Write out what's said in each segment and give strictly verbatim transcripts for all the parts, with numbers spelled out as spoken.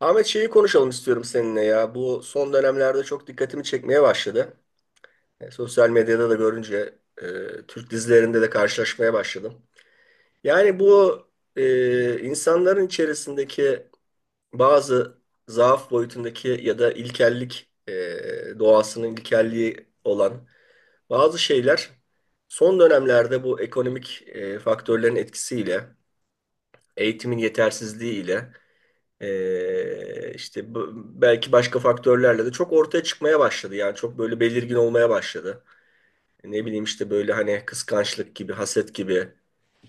Ahmet şeyi konuşalım istiyorum seninle ya. Bu son dönemlerde çok dikkatimi çekmeye başladı. E, sosyal medyada da görünce e, Türk dizilerinde de karşılaşmaya başladım. Yani bu e, insanların içerisindeki bazı zaaf boyutundaki ya da ilkellik e, doğasının ilkelliği olan bazı şeyler son dönemlerde bu ekonomik e, faktörlerin etkisiyle, eğitimin yetersizliğiyle Ee, işte bu- belki başka faktörlerle de çok ortaya çıkmaya başladı. Yani çok böyle belirgin olmaya başladı. Ne bileyim işte böyle hani kıskançlık gibi, haset gibi,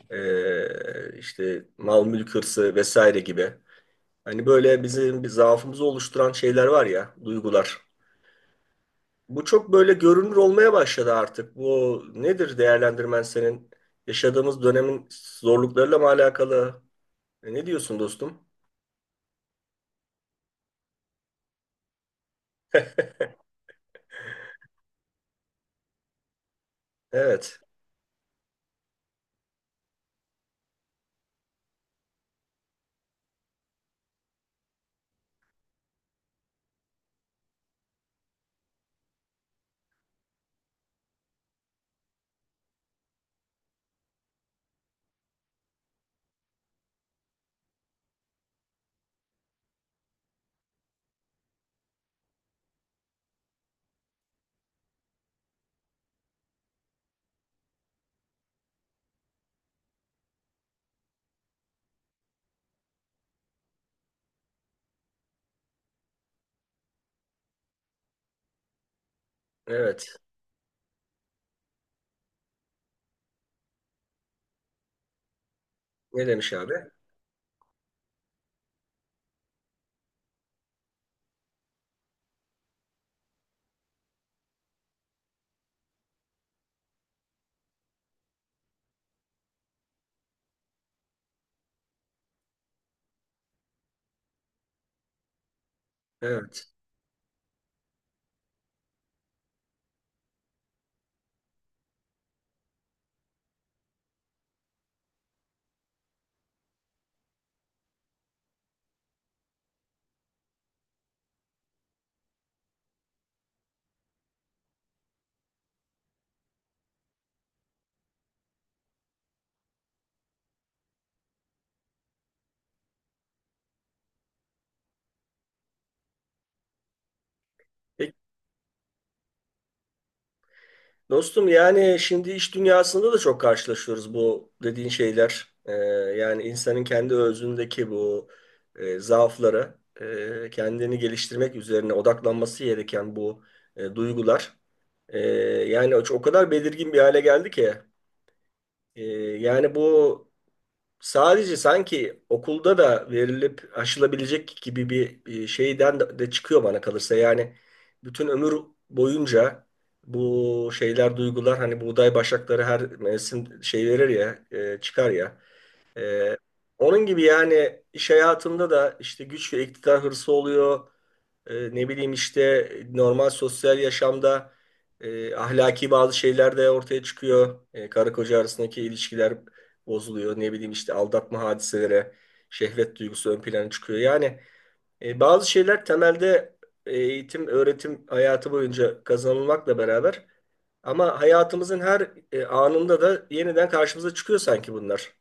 ee, işte mal mülk hırsı vesaire gibi. Hani böyle bizim bir zaafımızı oluşturan şeyler var ya, duygular. Bu çok böyle görünür olmaya başladı artık. Bu nedir değerlendirmen senin? Yaşadığımız dönemin zorluklarıyla mı alakalı? E, Ne diyorsun dostum? Evet, evet. Ne demiş abi? Evet. Peki, dostum yani şimdi iş dünyasında da çok karşılaşıyoruz bu dediğin şeyler. Ee, yani insanın kendi özündeki bu e, zaafları, e, kendini geliştirmek üzerine odaklanması gereken bu e, duygular. e, Yani o, o kadar belirgin bir hale geldi ki. E, Yani bu sadece sanki okulda da verilip aşılabilecek gibi bir e, şeyden de de çıkıyor bana kalırsa. Yani bütün ömür boyunca bu şeyler, duygular, hani buğday başakları her mevsim şey verir ya, e, çıkar ya. E, Onun gibi yani iş hayatında da işte güç ve iktidar hırsı oluyor. E, ne bileyim işte normal sosyal yaşamda e, ahlaki bazı şeyler de ortaya çıkıyor. E, karı koca arasındaki ilişkiler bozuluyor. Ne bileyim işte aldatma hadiselere, şehvet duygusu ön plana çıkıyor. Yani e, bazı şeyler temelde eğitim, öğretim hayatı boyunca kazanılmakla beraber ama hayatımızın her e, anında da yeniden karşımıza çıkıyor sanki bunlar.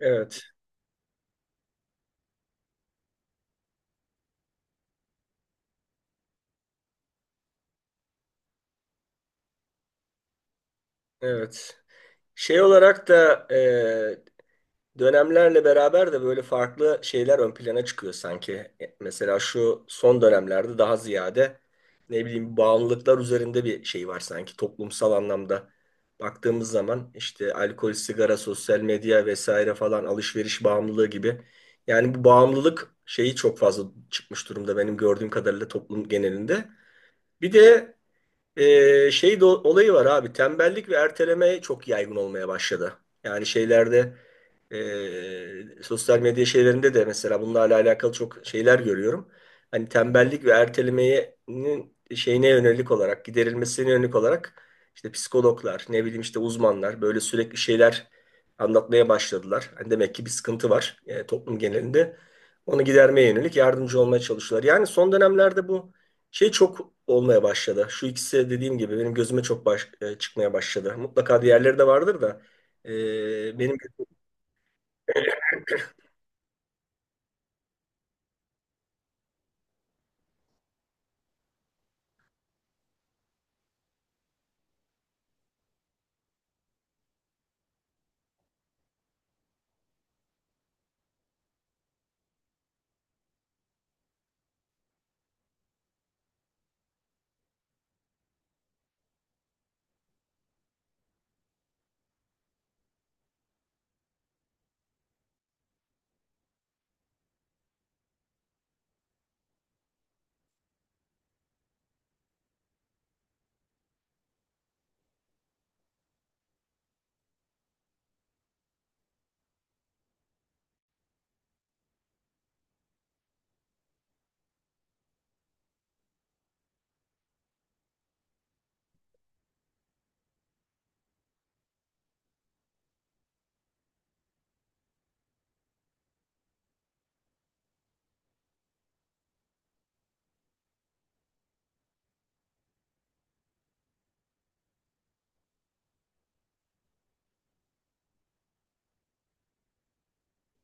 Evet, evet. Şey olarak da e, dönemlerle beraber de böyle farklı şeyler ön plana çıkıyor sanki. E, Mesela şu son dönemlerde daha ziyade ne bileyim bağımlılıklar üzerinde bir şey var sanki toplumsal anlamda. Baktığımız zaman işte alkol, sigara, sosyal medya vesaire falan alışveriş bağımlılığı gibi. Yani bu bağımlılık şeyi çok fazla çıkmış durumda benim gördüğüm kadarıyla toplum genelinde. Bir de ee, şey de, olayı var abi, tembellik ve erteleme çok yaygın olmaya başladı. Yani şeylerde e, sosyal medya şeylerinde de mesela bunlarla alakalı çok şeyler görüyorum. Hani tembellik ve ertelemenin şeyine yönelik olarak giderilmesine yönelik olarak işte psikologlar ne bileyim işte uzmanlar böyle sürekli şeyler anlatmaya başladılar. Hani demek ki bir sıkıntı var e, toplum genelinde. Onu gidermeye yönelik yardımcı olmaya çalışıyorlar. Yani son dönemlerde bu şey çok olmaya başladı. Şu ikisi dediğim gibi benim gözüme çok baş, e, çıkmaya başladı. Mutlaka diğerleri de vardır da e, benim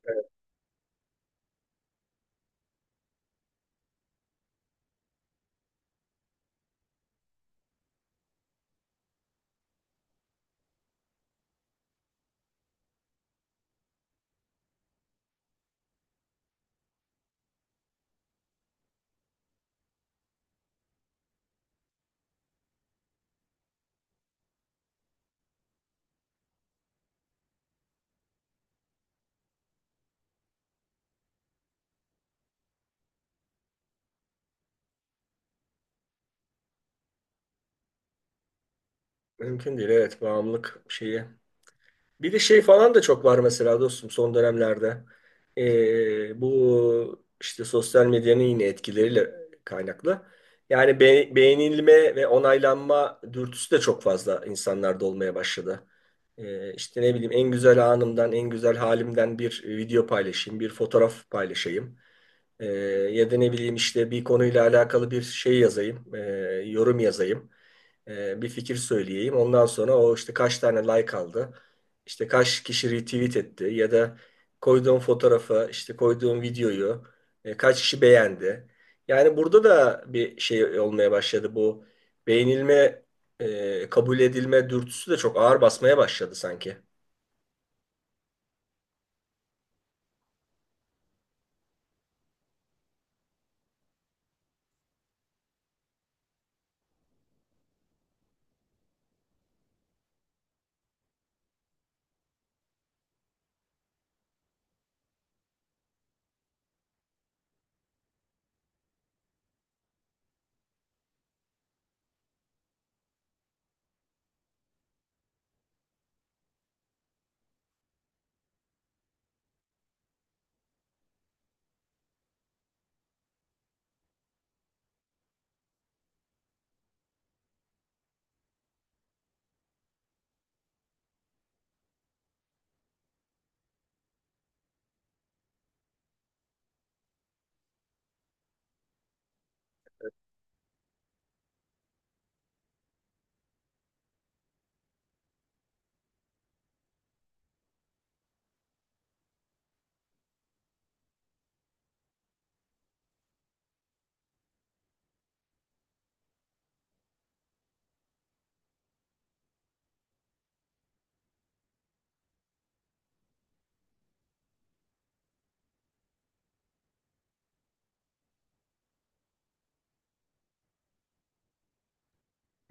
mümkün değil. Evet, bağımlılık şeyi. Bir de şey falan da çok var mesela dostum son dönemlerde. Ee, bu işte sosyal medyanın yine etkileriyle kaynaklı. Yani be- beğenilme ve onaylanma dürtüsü de çok fazla insanlarda olmaya başladı. Ee, işte ne bileyim en güzel anımdan, en güzel halimden bir video paylaşayım, bir fotoğraf paylaşayım. Ee, Ya da ne bileyim işte bir konuyla alakalı bir şey yazayım, ee, yorum yazayım, e, bir fikir söyleyeyim. Ondan sonra o işte kaç tane like aldı, işte kaç kişi retweet etti ya da koyduğum fotoğrafı, işte koyduğum videoyu e, kaç kişi beğendi. Yani burada da bir şey olmaya başladı, bu beğenilme, e, kabul edilme dürtüsü de çok ağır basmaya başladı sanki.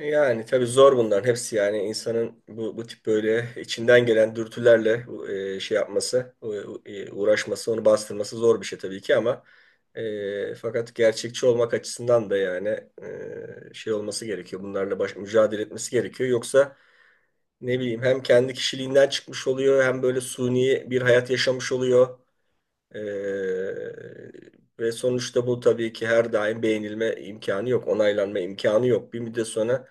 Yani tabii zor bunların hepsi, yani insanın bu, bu tip böyle içinden gelen dürtülerle e, şey yapması, e, uğraşması, onu bastırması zor bir şey tabii ki ama e, fakat gerçekçi olmak açısından da yani e, şey olması gerekiyor. Bunlarla baş, mücadele etmesi gerekiyor. Yoksa ne bileyim hem kendi kişiliğinden çıkmış oluyor hem böyle suni bir hayat yaşamış oluyor. Ee, Ve sonuçta bu tabii ki her daim beğenilme imkanı yok, onaylanma imkanı yok. Bir müddet sonra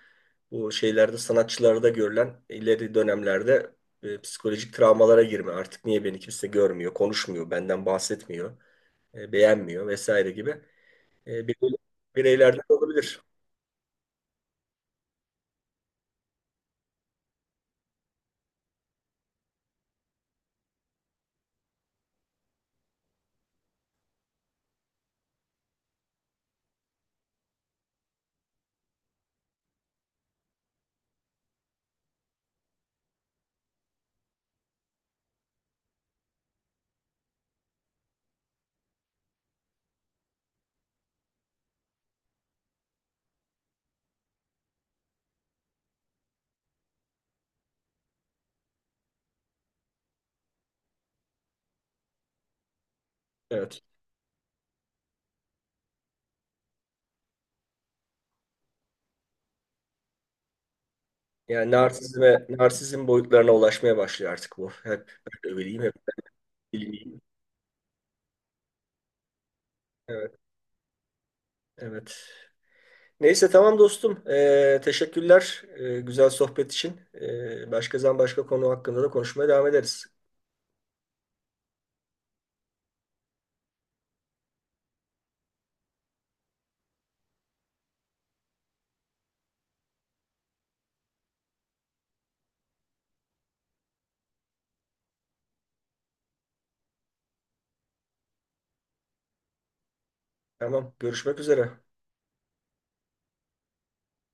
bu şeylerde sanatçılarda görülen ileri dönemlerde e, psikolojik travmalara girme. Artık niye beni kimse görmüyor, konuşmuyor, benden bahsetmiyor, e, beğenmiyor vesaire gibi e, birey- bireylerden olabilir. Evet. Yani narsizme, narsizm boyutlarına ulaşmaya başlıyor artık bu. Hep ben öyleyim, hep bilmeyeyim. Evet, evet. Neyse tamam dostum. Ee, teşekkürler ee, güzel sohbet için. Ee, başka zaman başka konu hakkında da konuşmaya devam ederiz. Tamam, görüşmek üzere.